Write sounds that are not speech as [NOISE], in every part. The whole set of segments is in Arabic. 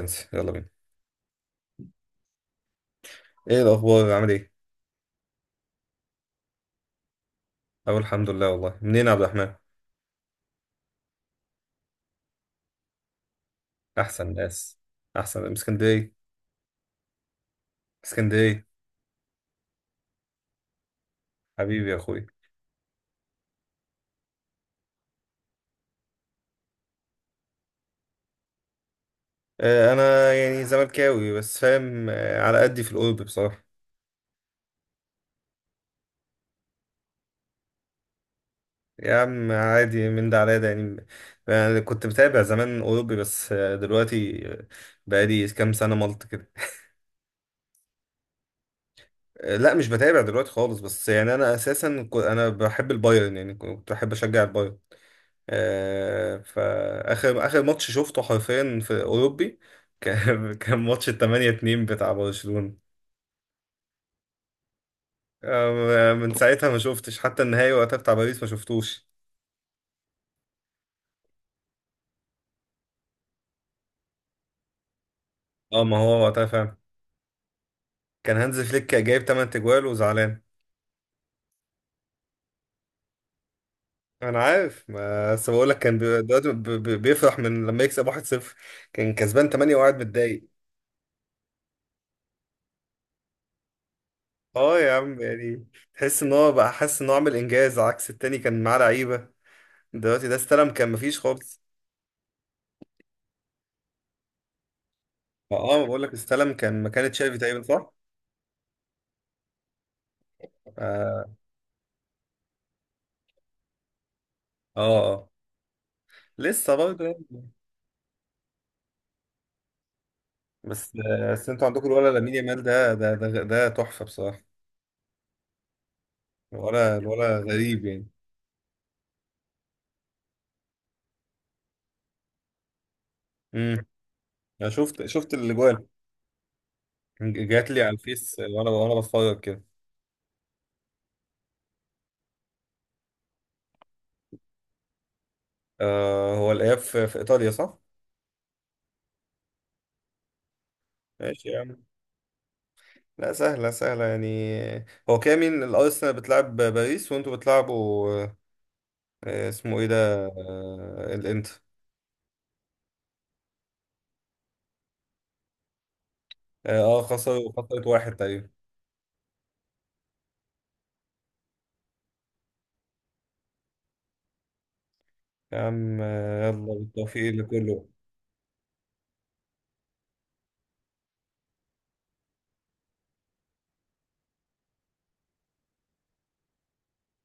انسى يلا بينا. ايه الاخبار عامل ايه؟ اقول الحمد لله والله. منين يا عبد الرحمن؟ احسن ناس. احسن من اسكندريه. اسكندريه. حبيبي يا اخوي. آه انا يعني زملكاوي بس فاهم آه على قدي في الاوروبي بصراحه. يا عم عادي من ده على ده يعني. أنا كنت متابع زمان اوروبي بس دلوقتي بقالي كام سنه ملط كده. آه لا مش بتابع دلوقتي خالص، بس يعني انا اساسا انا بحب البايرن، يعني كنت بحب اشجع البايرن. فآخر آخر ماتش شفته حرفيا في أوروبي كان [LAUGHS] كان ماتش التمانية اتنين بتاع برشلونة. من ساعتها ما شفتش، حتى النهائي وقتها بتاع باريس ما شفتوش. اه ما هو وقتها فعلا كان هانز فليك جايب 8 تجوال وزعلان. انا عارف بس بقول لك كان دلوقتي بيفرح من لما يكسب 1-0. كان كسبان 8 وقاعد متضايق. اه يا عم يعني، تحس ان هو بقى حاسس ان هو عامل انجاز، عكس التاني كان معاه لعيبه، دلوقتي ده استلم كان مفيش خالص. اه بقول لك استلم كان مكان تشافي تقريبا، صح؟ اه. اه. آه. لسه برضه يعني. بس بس انتوا عندكم الولا لامين يامال، ده تحفه بصراحه. الولا غريب يعني. امم انا شفت الاجوال، جات لي على الفيس وانا بتفرج كده. آه، هو الاياب في ايطاليا صح؟ ماشي يا عم. لا سهله سهله يعني. هو كامل الارسنال بتلعب باريس وانتوا بتلعبوا اسمه ايه ده الانتر. خسروا خسرت واحد تقريبا. يا عم يلا بالتوفيق لكله.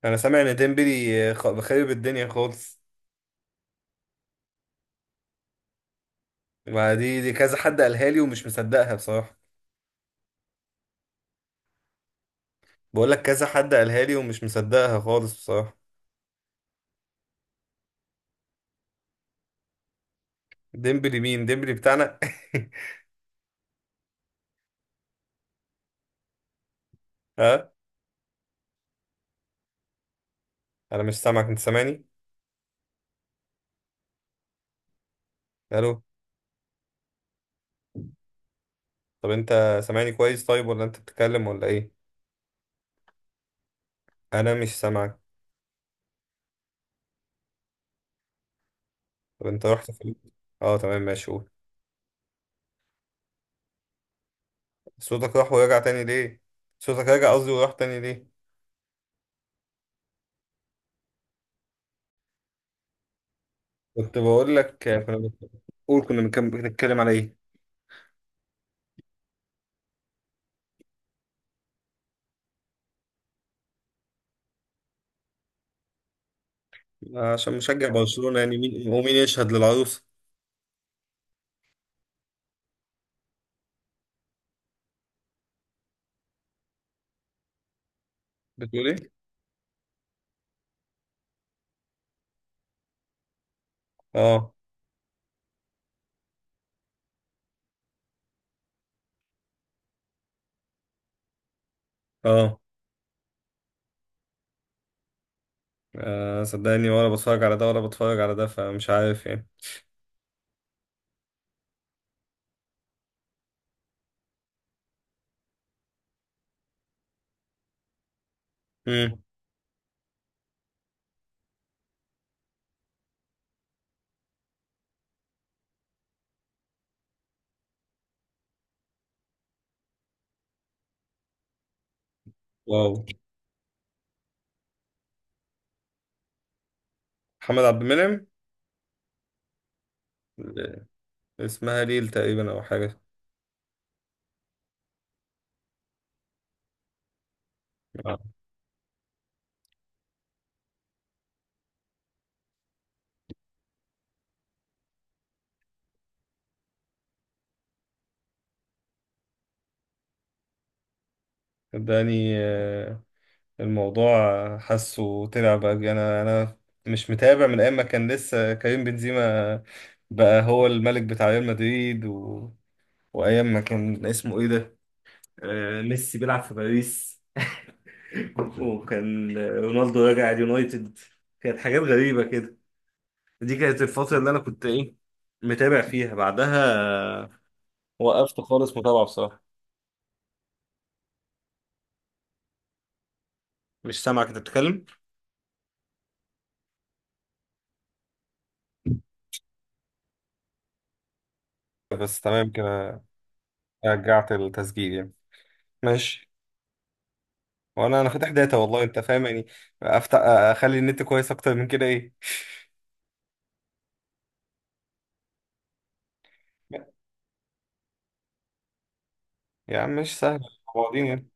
انا سامع ان ديمبلي خارب الدنيا خالص. ما دي كذا حد قالها لي ومش مصدقها بصراحة. بقول لك كذا حد قالها لي ومش مصدقها خالص بصراحة. ديمبلي مين؟ ديمبلي بتاعنا؟ [LAUGHS] ها. انا مش سامعك، انت سامعني؟ الو. طب انت سامعني كويس، طيب ولا انت بتتكلم ولا ايه؟ انا مش سامعك. طب انت رحت فين؟ اه تمام ماشي قول. صوتك راح ورجع تاني ليه؟ صوتك رجع قصدي، وراح تاني ليه؟ كنت بقول لك قول، كنا بنتكلم على ايه؟ عشان مشجع برشلونة يعني، مين ومين يشهد للعروس؟ بتقول ايه؟ اه. اه. آه، صدقني ولا بتفرج على ده ولا بتفرج على ده، فمش عارف يعني. امم. واو. محمد عبد المنعم. اسمها ليل تقريبا او حاجة. آه. صدقني الموضوع حاسه طلع بقى، انا مش متابع من ايام ما كان لسه كريم بنزيما بقى هو الملك بتاع ريال مدريد و... وايام ما كان اسمه ايه ده، ميسي بيلعب في باريس، [LAUGHS] وكان رونالدو راجع اليونايتد. كانت حاجات غريبة كده. دي كانت الفترة اللي أنا كنت إيه، متابع فيها، بعدها وقفت خالص متابعة بصراحة. مش سامع كنت بتتكلم، بس تمام كده، رجعت التسجيل يعني. ماشي. وانا فاتح داتا والله، انت فاهم يعني. افتح اخلي النت كويس اكتر من كده ايه. يا عم مش سهل، بعضين يعني.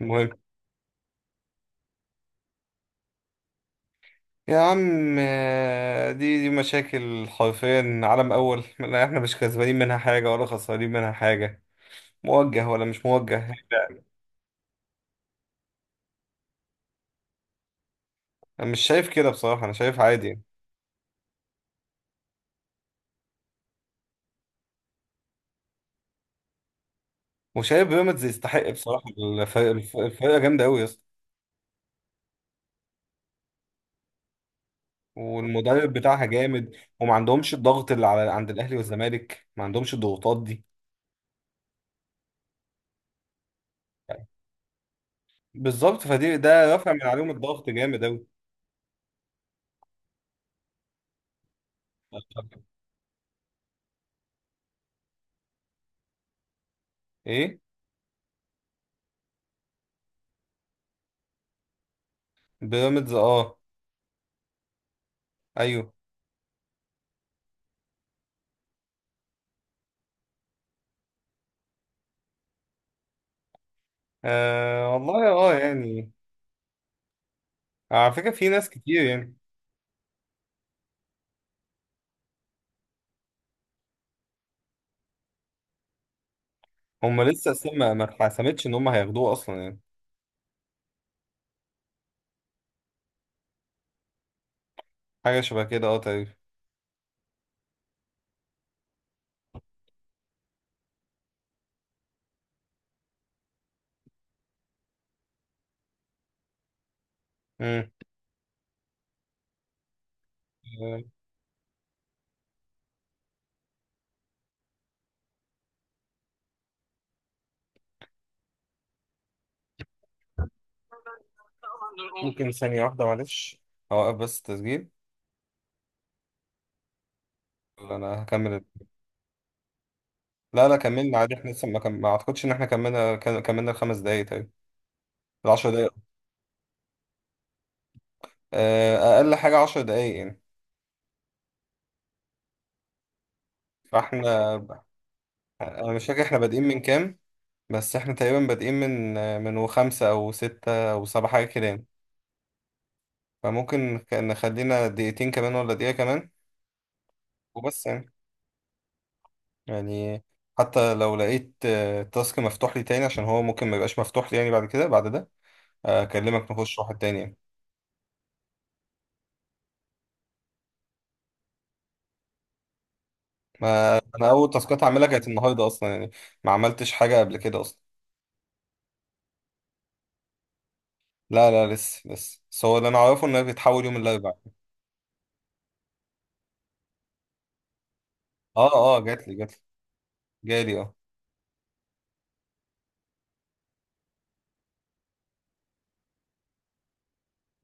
المهم يا عم، دي مشاكل حرفيا عالم اول، لا احنا مش كسبانين منها حاجه ولا خسرانين منها حاجه، موجه ولا مش موجه. انا مش شايف كده بصراحه، انا شايف عادي يعني. وشايف بيراميدز يستحق بصراحه. الفريق الفرقه جامده قوي يا اسطى. والمدرب بتاعها جامد. وما عندهمش الضغط اللي على عند الاهلي والزمالك، ما عندهمش الضغوطات دي. بالظبط، فدي ده رافع من عليهم الضغط جامد قوي. ايه. بيراميدز اه. ايوه. آه والله اه يعني. على فكره في ناس كتير يعني. هم لسه اصلا ما اتحسمتش ان هم هياخدوه اصلا يعني. حاجه شبه كده اه تقريبا. امم. ممكن ثانية واحدة معلش، أوقف بس التسجيل، ولا أنا هكمل؟ لا لا كملنا عادي، احنا لسه ما أعتقدش إن احنا كملنا، كملنا الخمس دقايق، طيب العشر دقايق. آه، أقل حاجة عشر دقايق يعني. فاحنا، أنا مش فاكر احنا بادئين من كام، بس احنا تقريبا بادئين من، من وخمسة أو ستة أو سبعة حاجة كده يعني. فممكن نخلينا دقيقتين كمان، ولا دقيقة كمان، وبس يعني. يعني حتى لو لقيت تاسك مفتوح لي تاني، عشان هو ممكن ما يبقاش مفتوح لي يعني بعد كده بعد ده، أكلمك نخش واحد تاني يعني. ما انا اول تاسكات هعملها كانت النهارده اصلا يعني، ما عملتش حاجه قبل كده اصلا. لا لا لسه بس هو اللي انا اعرفه انها بتتحول يوم الاربعاء. اه. اه جات لي، جالي اه.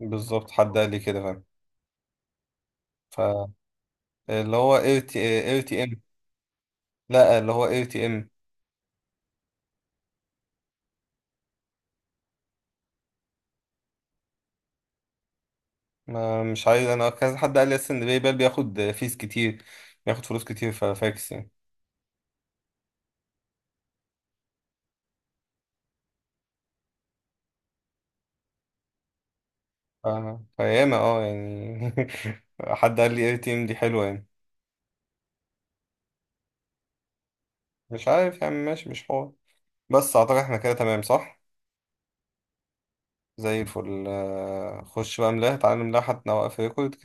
بالظبط حد قال لي كده. فاهم. فاللي هو اير تي ام. لا اللي هو اير تي ام. ما مش عايز، انا كذا حد قال لي اصلا ان باي بال بياخد فيس كتير، بياخد فلوس كتير ففاكس يعني. ف- فياما اه يعني. [LAUGHS] حد قال لي اير تي ام دي حلوه يعني. مش عارف يعني، ماشي مش حوار. بس اعتقد احنا كده تمام صح؟ زي الفل. آه، خش بقى، ملاها تعالى نملاها حتى نوقف ريكورد كده.